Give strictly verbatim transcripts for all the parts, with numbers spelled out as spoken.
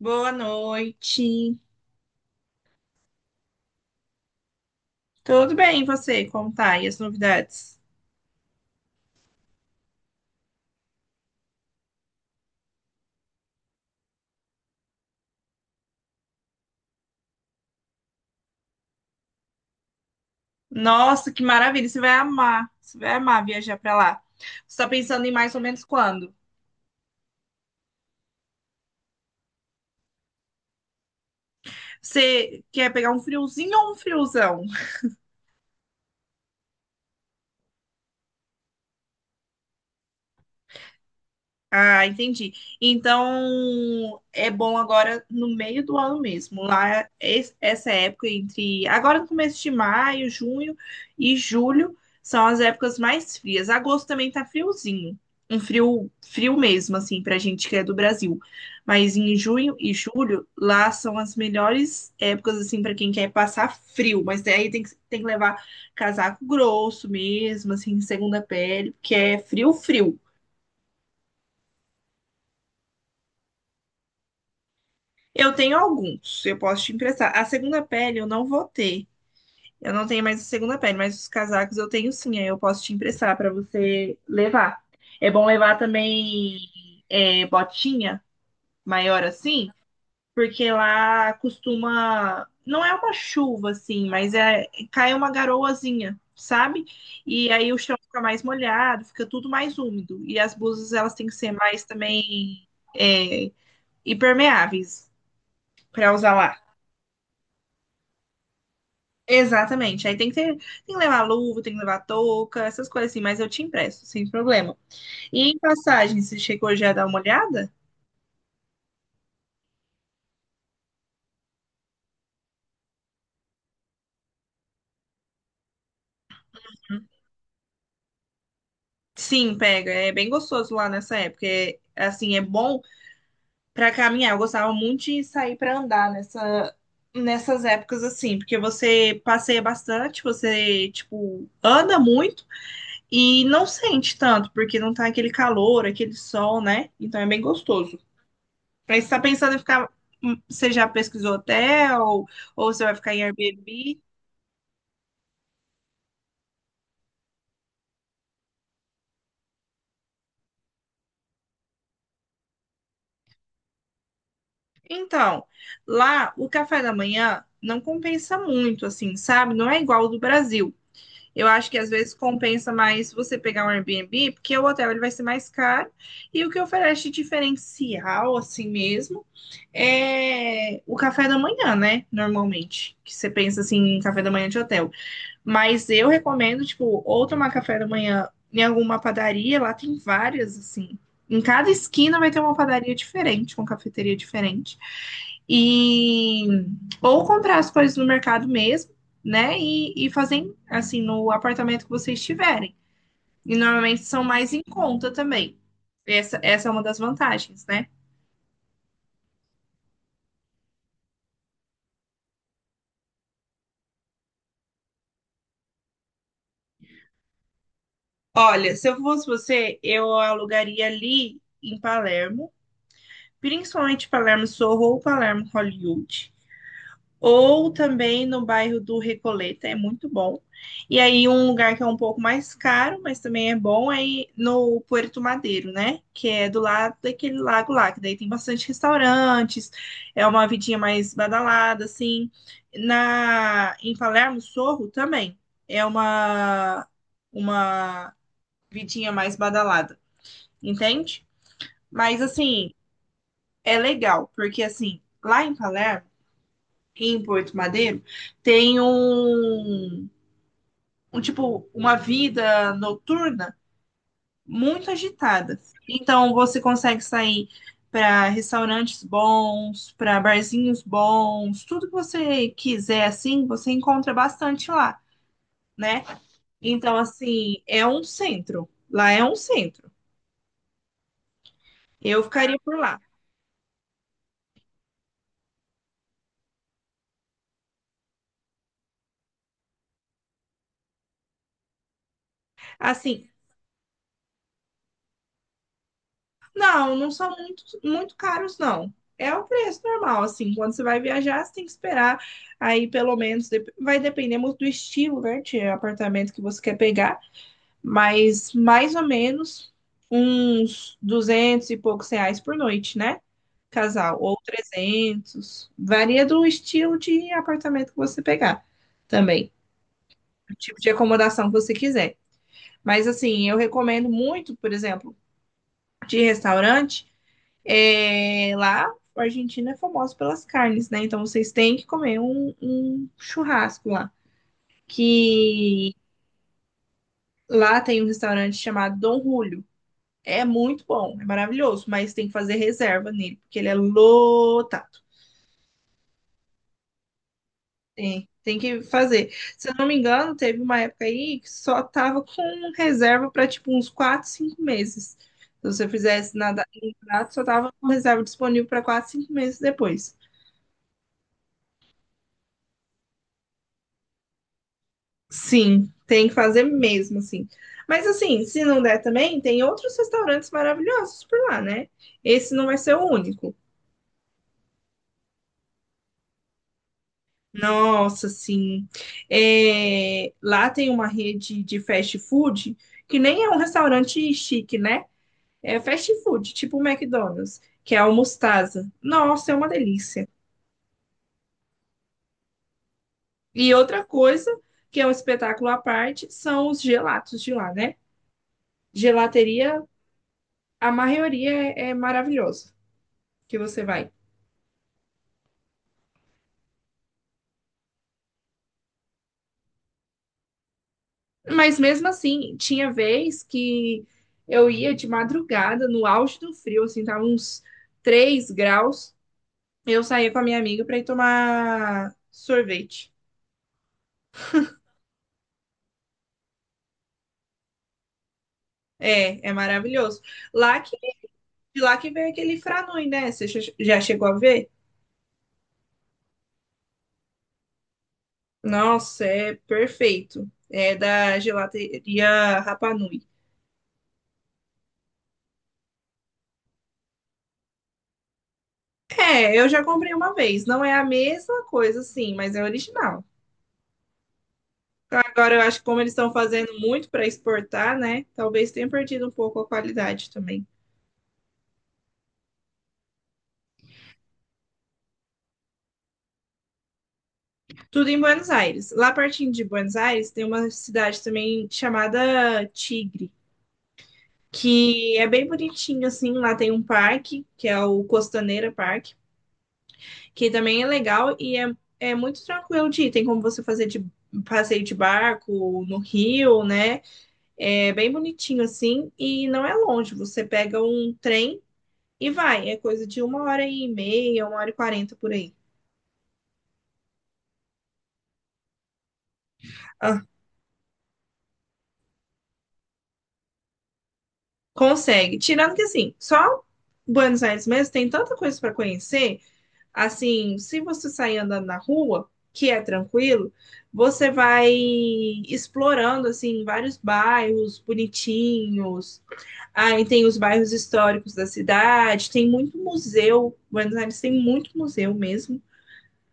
Boa noite. Tudo bem, e você? Como tá? E as novidades? Nossa, que maravilha! Você vai amar. Você vai amar viajar pra lá. Você tá pensando em mais ou menos quando? Você quer pegar um friozinho ou um friozão? Ah, entendi. Então, é bom agora no meio do ano mesmo. Lá, es- essa época entre agora no começo de maio, junho e julho são as épocas mais frias. Agosto também tá friozinho. Um frio, frio mesmo, assim, pra gente que é do Brasil. Mas em junho e julho, lá são as melhores épocas, assim, pra quem quer passar frio. Mas daí tem que, tem que levar casaco grosso mesmo, assim, segunda pele, porque é frio, frio. Eu tenho alguns, eu posso te emprestar. A segunda pele eu não vou ter. Eu não tenho mais a segunda pele, mas os casacos eu tenho sim, aí eu posso te emprestar para você levar. É bom levar também é, botinha maior assim, porque lá costuma. Não é uma chuva assim, mas é cai uma garoazinha, sabe? E aí o chão fica mais molhado, fica tudo mais úmido. E as blusas elas têm que ser mais também é, impermeáveis para usar lá. Exatamente. Aí tem que ter, tem que levar luva, tem que levar touca, essas coisas assim, mas eu te empresto, sem problema. E em passagem, você chegou já a dar uma olhada? Sim, pega. É bem gostoso lá nessa época. É, assim, é bom pra caminhar. Eu gostava muito de sair pra andar nessa nessas épocas assim, porque você passeia bastante, você tipo anda muito e não sente tanto, porque não tá aquele calor, aquele sol, né? Então é bem gostoso. Aí você está pensando em ficar. hum, Você já pesquisou hotel? Ou você vai ficar em Airbnb? Então, lá o café da manhã não compensa muito, assim, sabe? Não é igual ao do Brasil. Eu acho que às vezes compensa mais você pegar um Airbnb, porque o hotel ele vai ser mais caro. E o que oferece de diferencial, assim mesmo, é o café da manhã, né? Normalmente. Que você pensa assim, em café da manhã de hotel. Mas eu recomendo, tipo, ou tomar café da manhã em alguma padaria, lá tem várias, assim. Em cada esquina vai ter uma padaria diferente, uma cafeteria diferente. E ou comprar as coisas no mercado mesmo, né? E, e fazer assim no apartamento que vocês tiverem. E normalmente são mais em conta também. Essa, essa é uma das vantagens, né? Olha, se eu fosse você, eu alugaria ali em Palermo, principalmente Palermo Sorro ou Palermo Hollywood. Ou também no bairro do Recoleta, é muito bom. E aí um lugar que é um pouco mais caro, mas também é bom, é no Puerto Madeiro, né? Que é do lado daquele lago lá, que daí tem bastante restaurantes, é uma vidinha mais badalada, assim. Na, em Palermo, Sorro também é uma, uma vidinha mais badalada, entende? Mas assim, é legal, porque assim, lá em Palermo em Porto Madeiro tem um, um tipo uma vida noturna muito agitada. Então você consegue sair para restaurantes bons, para barzinhos bons, tudo que você quiser assim, você encontra bastante lá, né? Então assim, é um centro. Lá é um centro. Eu ficaria por lá. Assim, não, não são muito, muito caros, não. É o preço normal, assim. Quando você vai viajar, você tem que esperar. Aí, pelo menos, dep- vai depender muito do estilo, né? De apartamento que você quer pegar. Mas, mais ou menos, uns duzentos e poucos reais por noite, né? Casal. Ou trezentos. Varia do estilo de apartamento que você pegar também. O tipo de acomodação que você quiser. Mas, assim, eu recomendo muito, por exemplo, de restaurante. É, lá, a Argentina é famosa pelas carnes, né? Então vocês têm que comer um, um churrasco lá. Que lá tem um restaurante chamado Dom Julio. É muito bom, é maravilhoso, mas tem que fazer reserva nele, porque ele é lotado. Tem, tem que fazer. Se eu não me engano, teve uma época aí que só tava com reserva para tipo uns quatro, cinco meses. Se você fizesse nada em contrato, só tava com reserva disponível para quatro, cinco meses depois. Sim, tem que fazer mesmo, assim. Mas assim, se não der também, tem outros restaurantes maravilhosos por lá, né? Esse não vai ser o único. Nossa, sim. É, lá tem uma rede de fast food que nem é um restaurante chique, né? É fast food, tipo o McDonald's, que é o Mostasa. Nossa, é uma delícia. E outra coisa, que é um espetáculo à parte, são os gelatos de lá, né? Gelateria, a maioria é, é maravilhosa que você vai. Mas mesmo assim, tinha vez que eu ia de madrugada, no auge do frio, assim, tava uns três graus. Eu saía com a minha amiga para ir tomar sorvete. É, é maravilhoso. Lá que, de lá que vem aquele franui, né? Você já já chegou a ver? Nossa, é perfeito. É da gelateria Rapanui. É, eu já comprei uma vez. Não é a mesma coisa, sim, mas é original. Agora, eu acho que como eles estão fazendo muito para exportar, né? Talvez tenha perdido um pouco a qualidade também. Tudo em Buenos Aires. Lá pertinho de Buenos Aires tem uma cidade também chamada Tigre, que é bem bonitinho assim. Lá tem um parque, que é o Costaneira Park, que também é legal e é, é muito tranquilo de ir. Tem como você fazer de passeio de barco no rio, né? É bem bonitinho assim e não é longe. Você pega um trem e vai, é coisa de uma hora e meia, uma hora e quarenta por aí. Ah, consegue. Tirando que assim, só Buenos Aires mesmo tem tanta coisa para conhecer, assim, se você sair andando na rua, que é tranquilo, você vai explorando assim vários bairros bonitinhos. Aí tem os bairros históricos da cidade, tem muito museu. Buenos Aires tem muito museu mesmo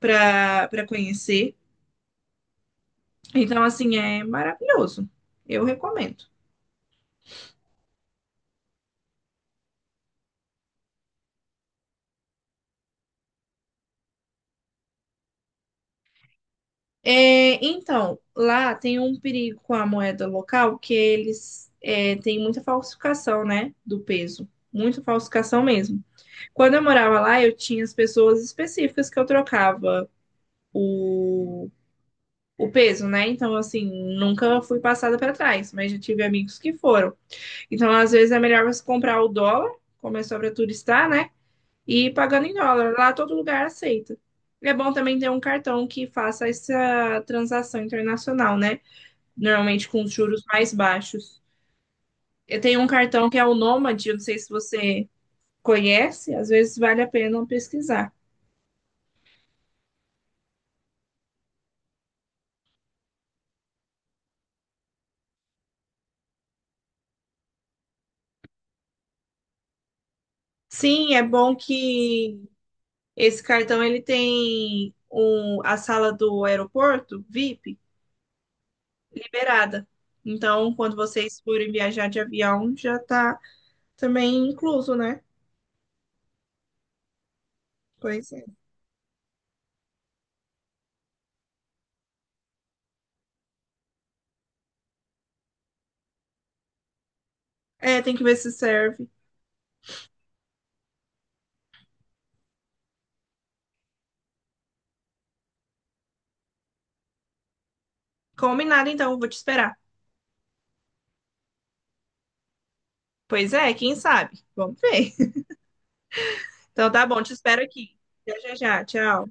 para para conhecer. Então assim é maravilhoso. Eu recomendo. É, então, lá tem um perigo com a moeda local que eles é, têm muita falsificação, né, do peso. Muita falsificação mesmo. Quando eu morava lá, eu tinha as pessoas específicas que eu trocava o, o peso, né? Então, assim, nunca fui passada para trás, mas já tive amigos que foram. Então, às vezes é melhor você comprar o dólar, como é só para turistar, né? E ir pagando em dólar. Lá todo lugar aceita. É bom também ter um cartão que faça essa transação internacional, né? Normalmente com os juros mais baixos. Eu tenho um cartão que é o Nômade, eu não sei se você conhece, às vezes vale a pena pesquisar. Sim, é bom que esse cartão ele tem um- a sala do aeroporto VIP liberada. Então, quando vocês forem viajar de avião, já tá também incluso, né? Pois é. É, tem que ver se serve. Combinado, então, vou te esperar. Pois é, quem sabe? Vamos ver. Então tá bom, te espero aqui. Já, já, já. Tchau.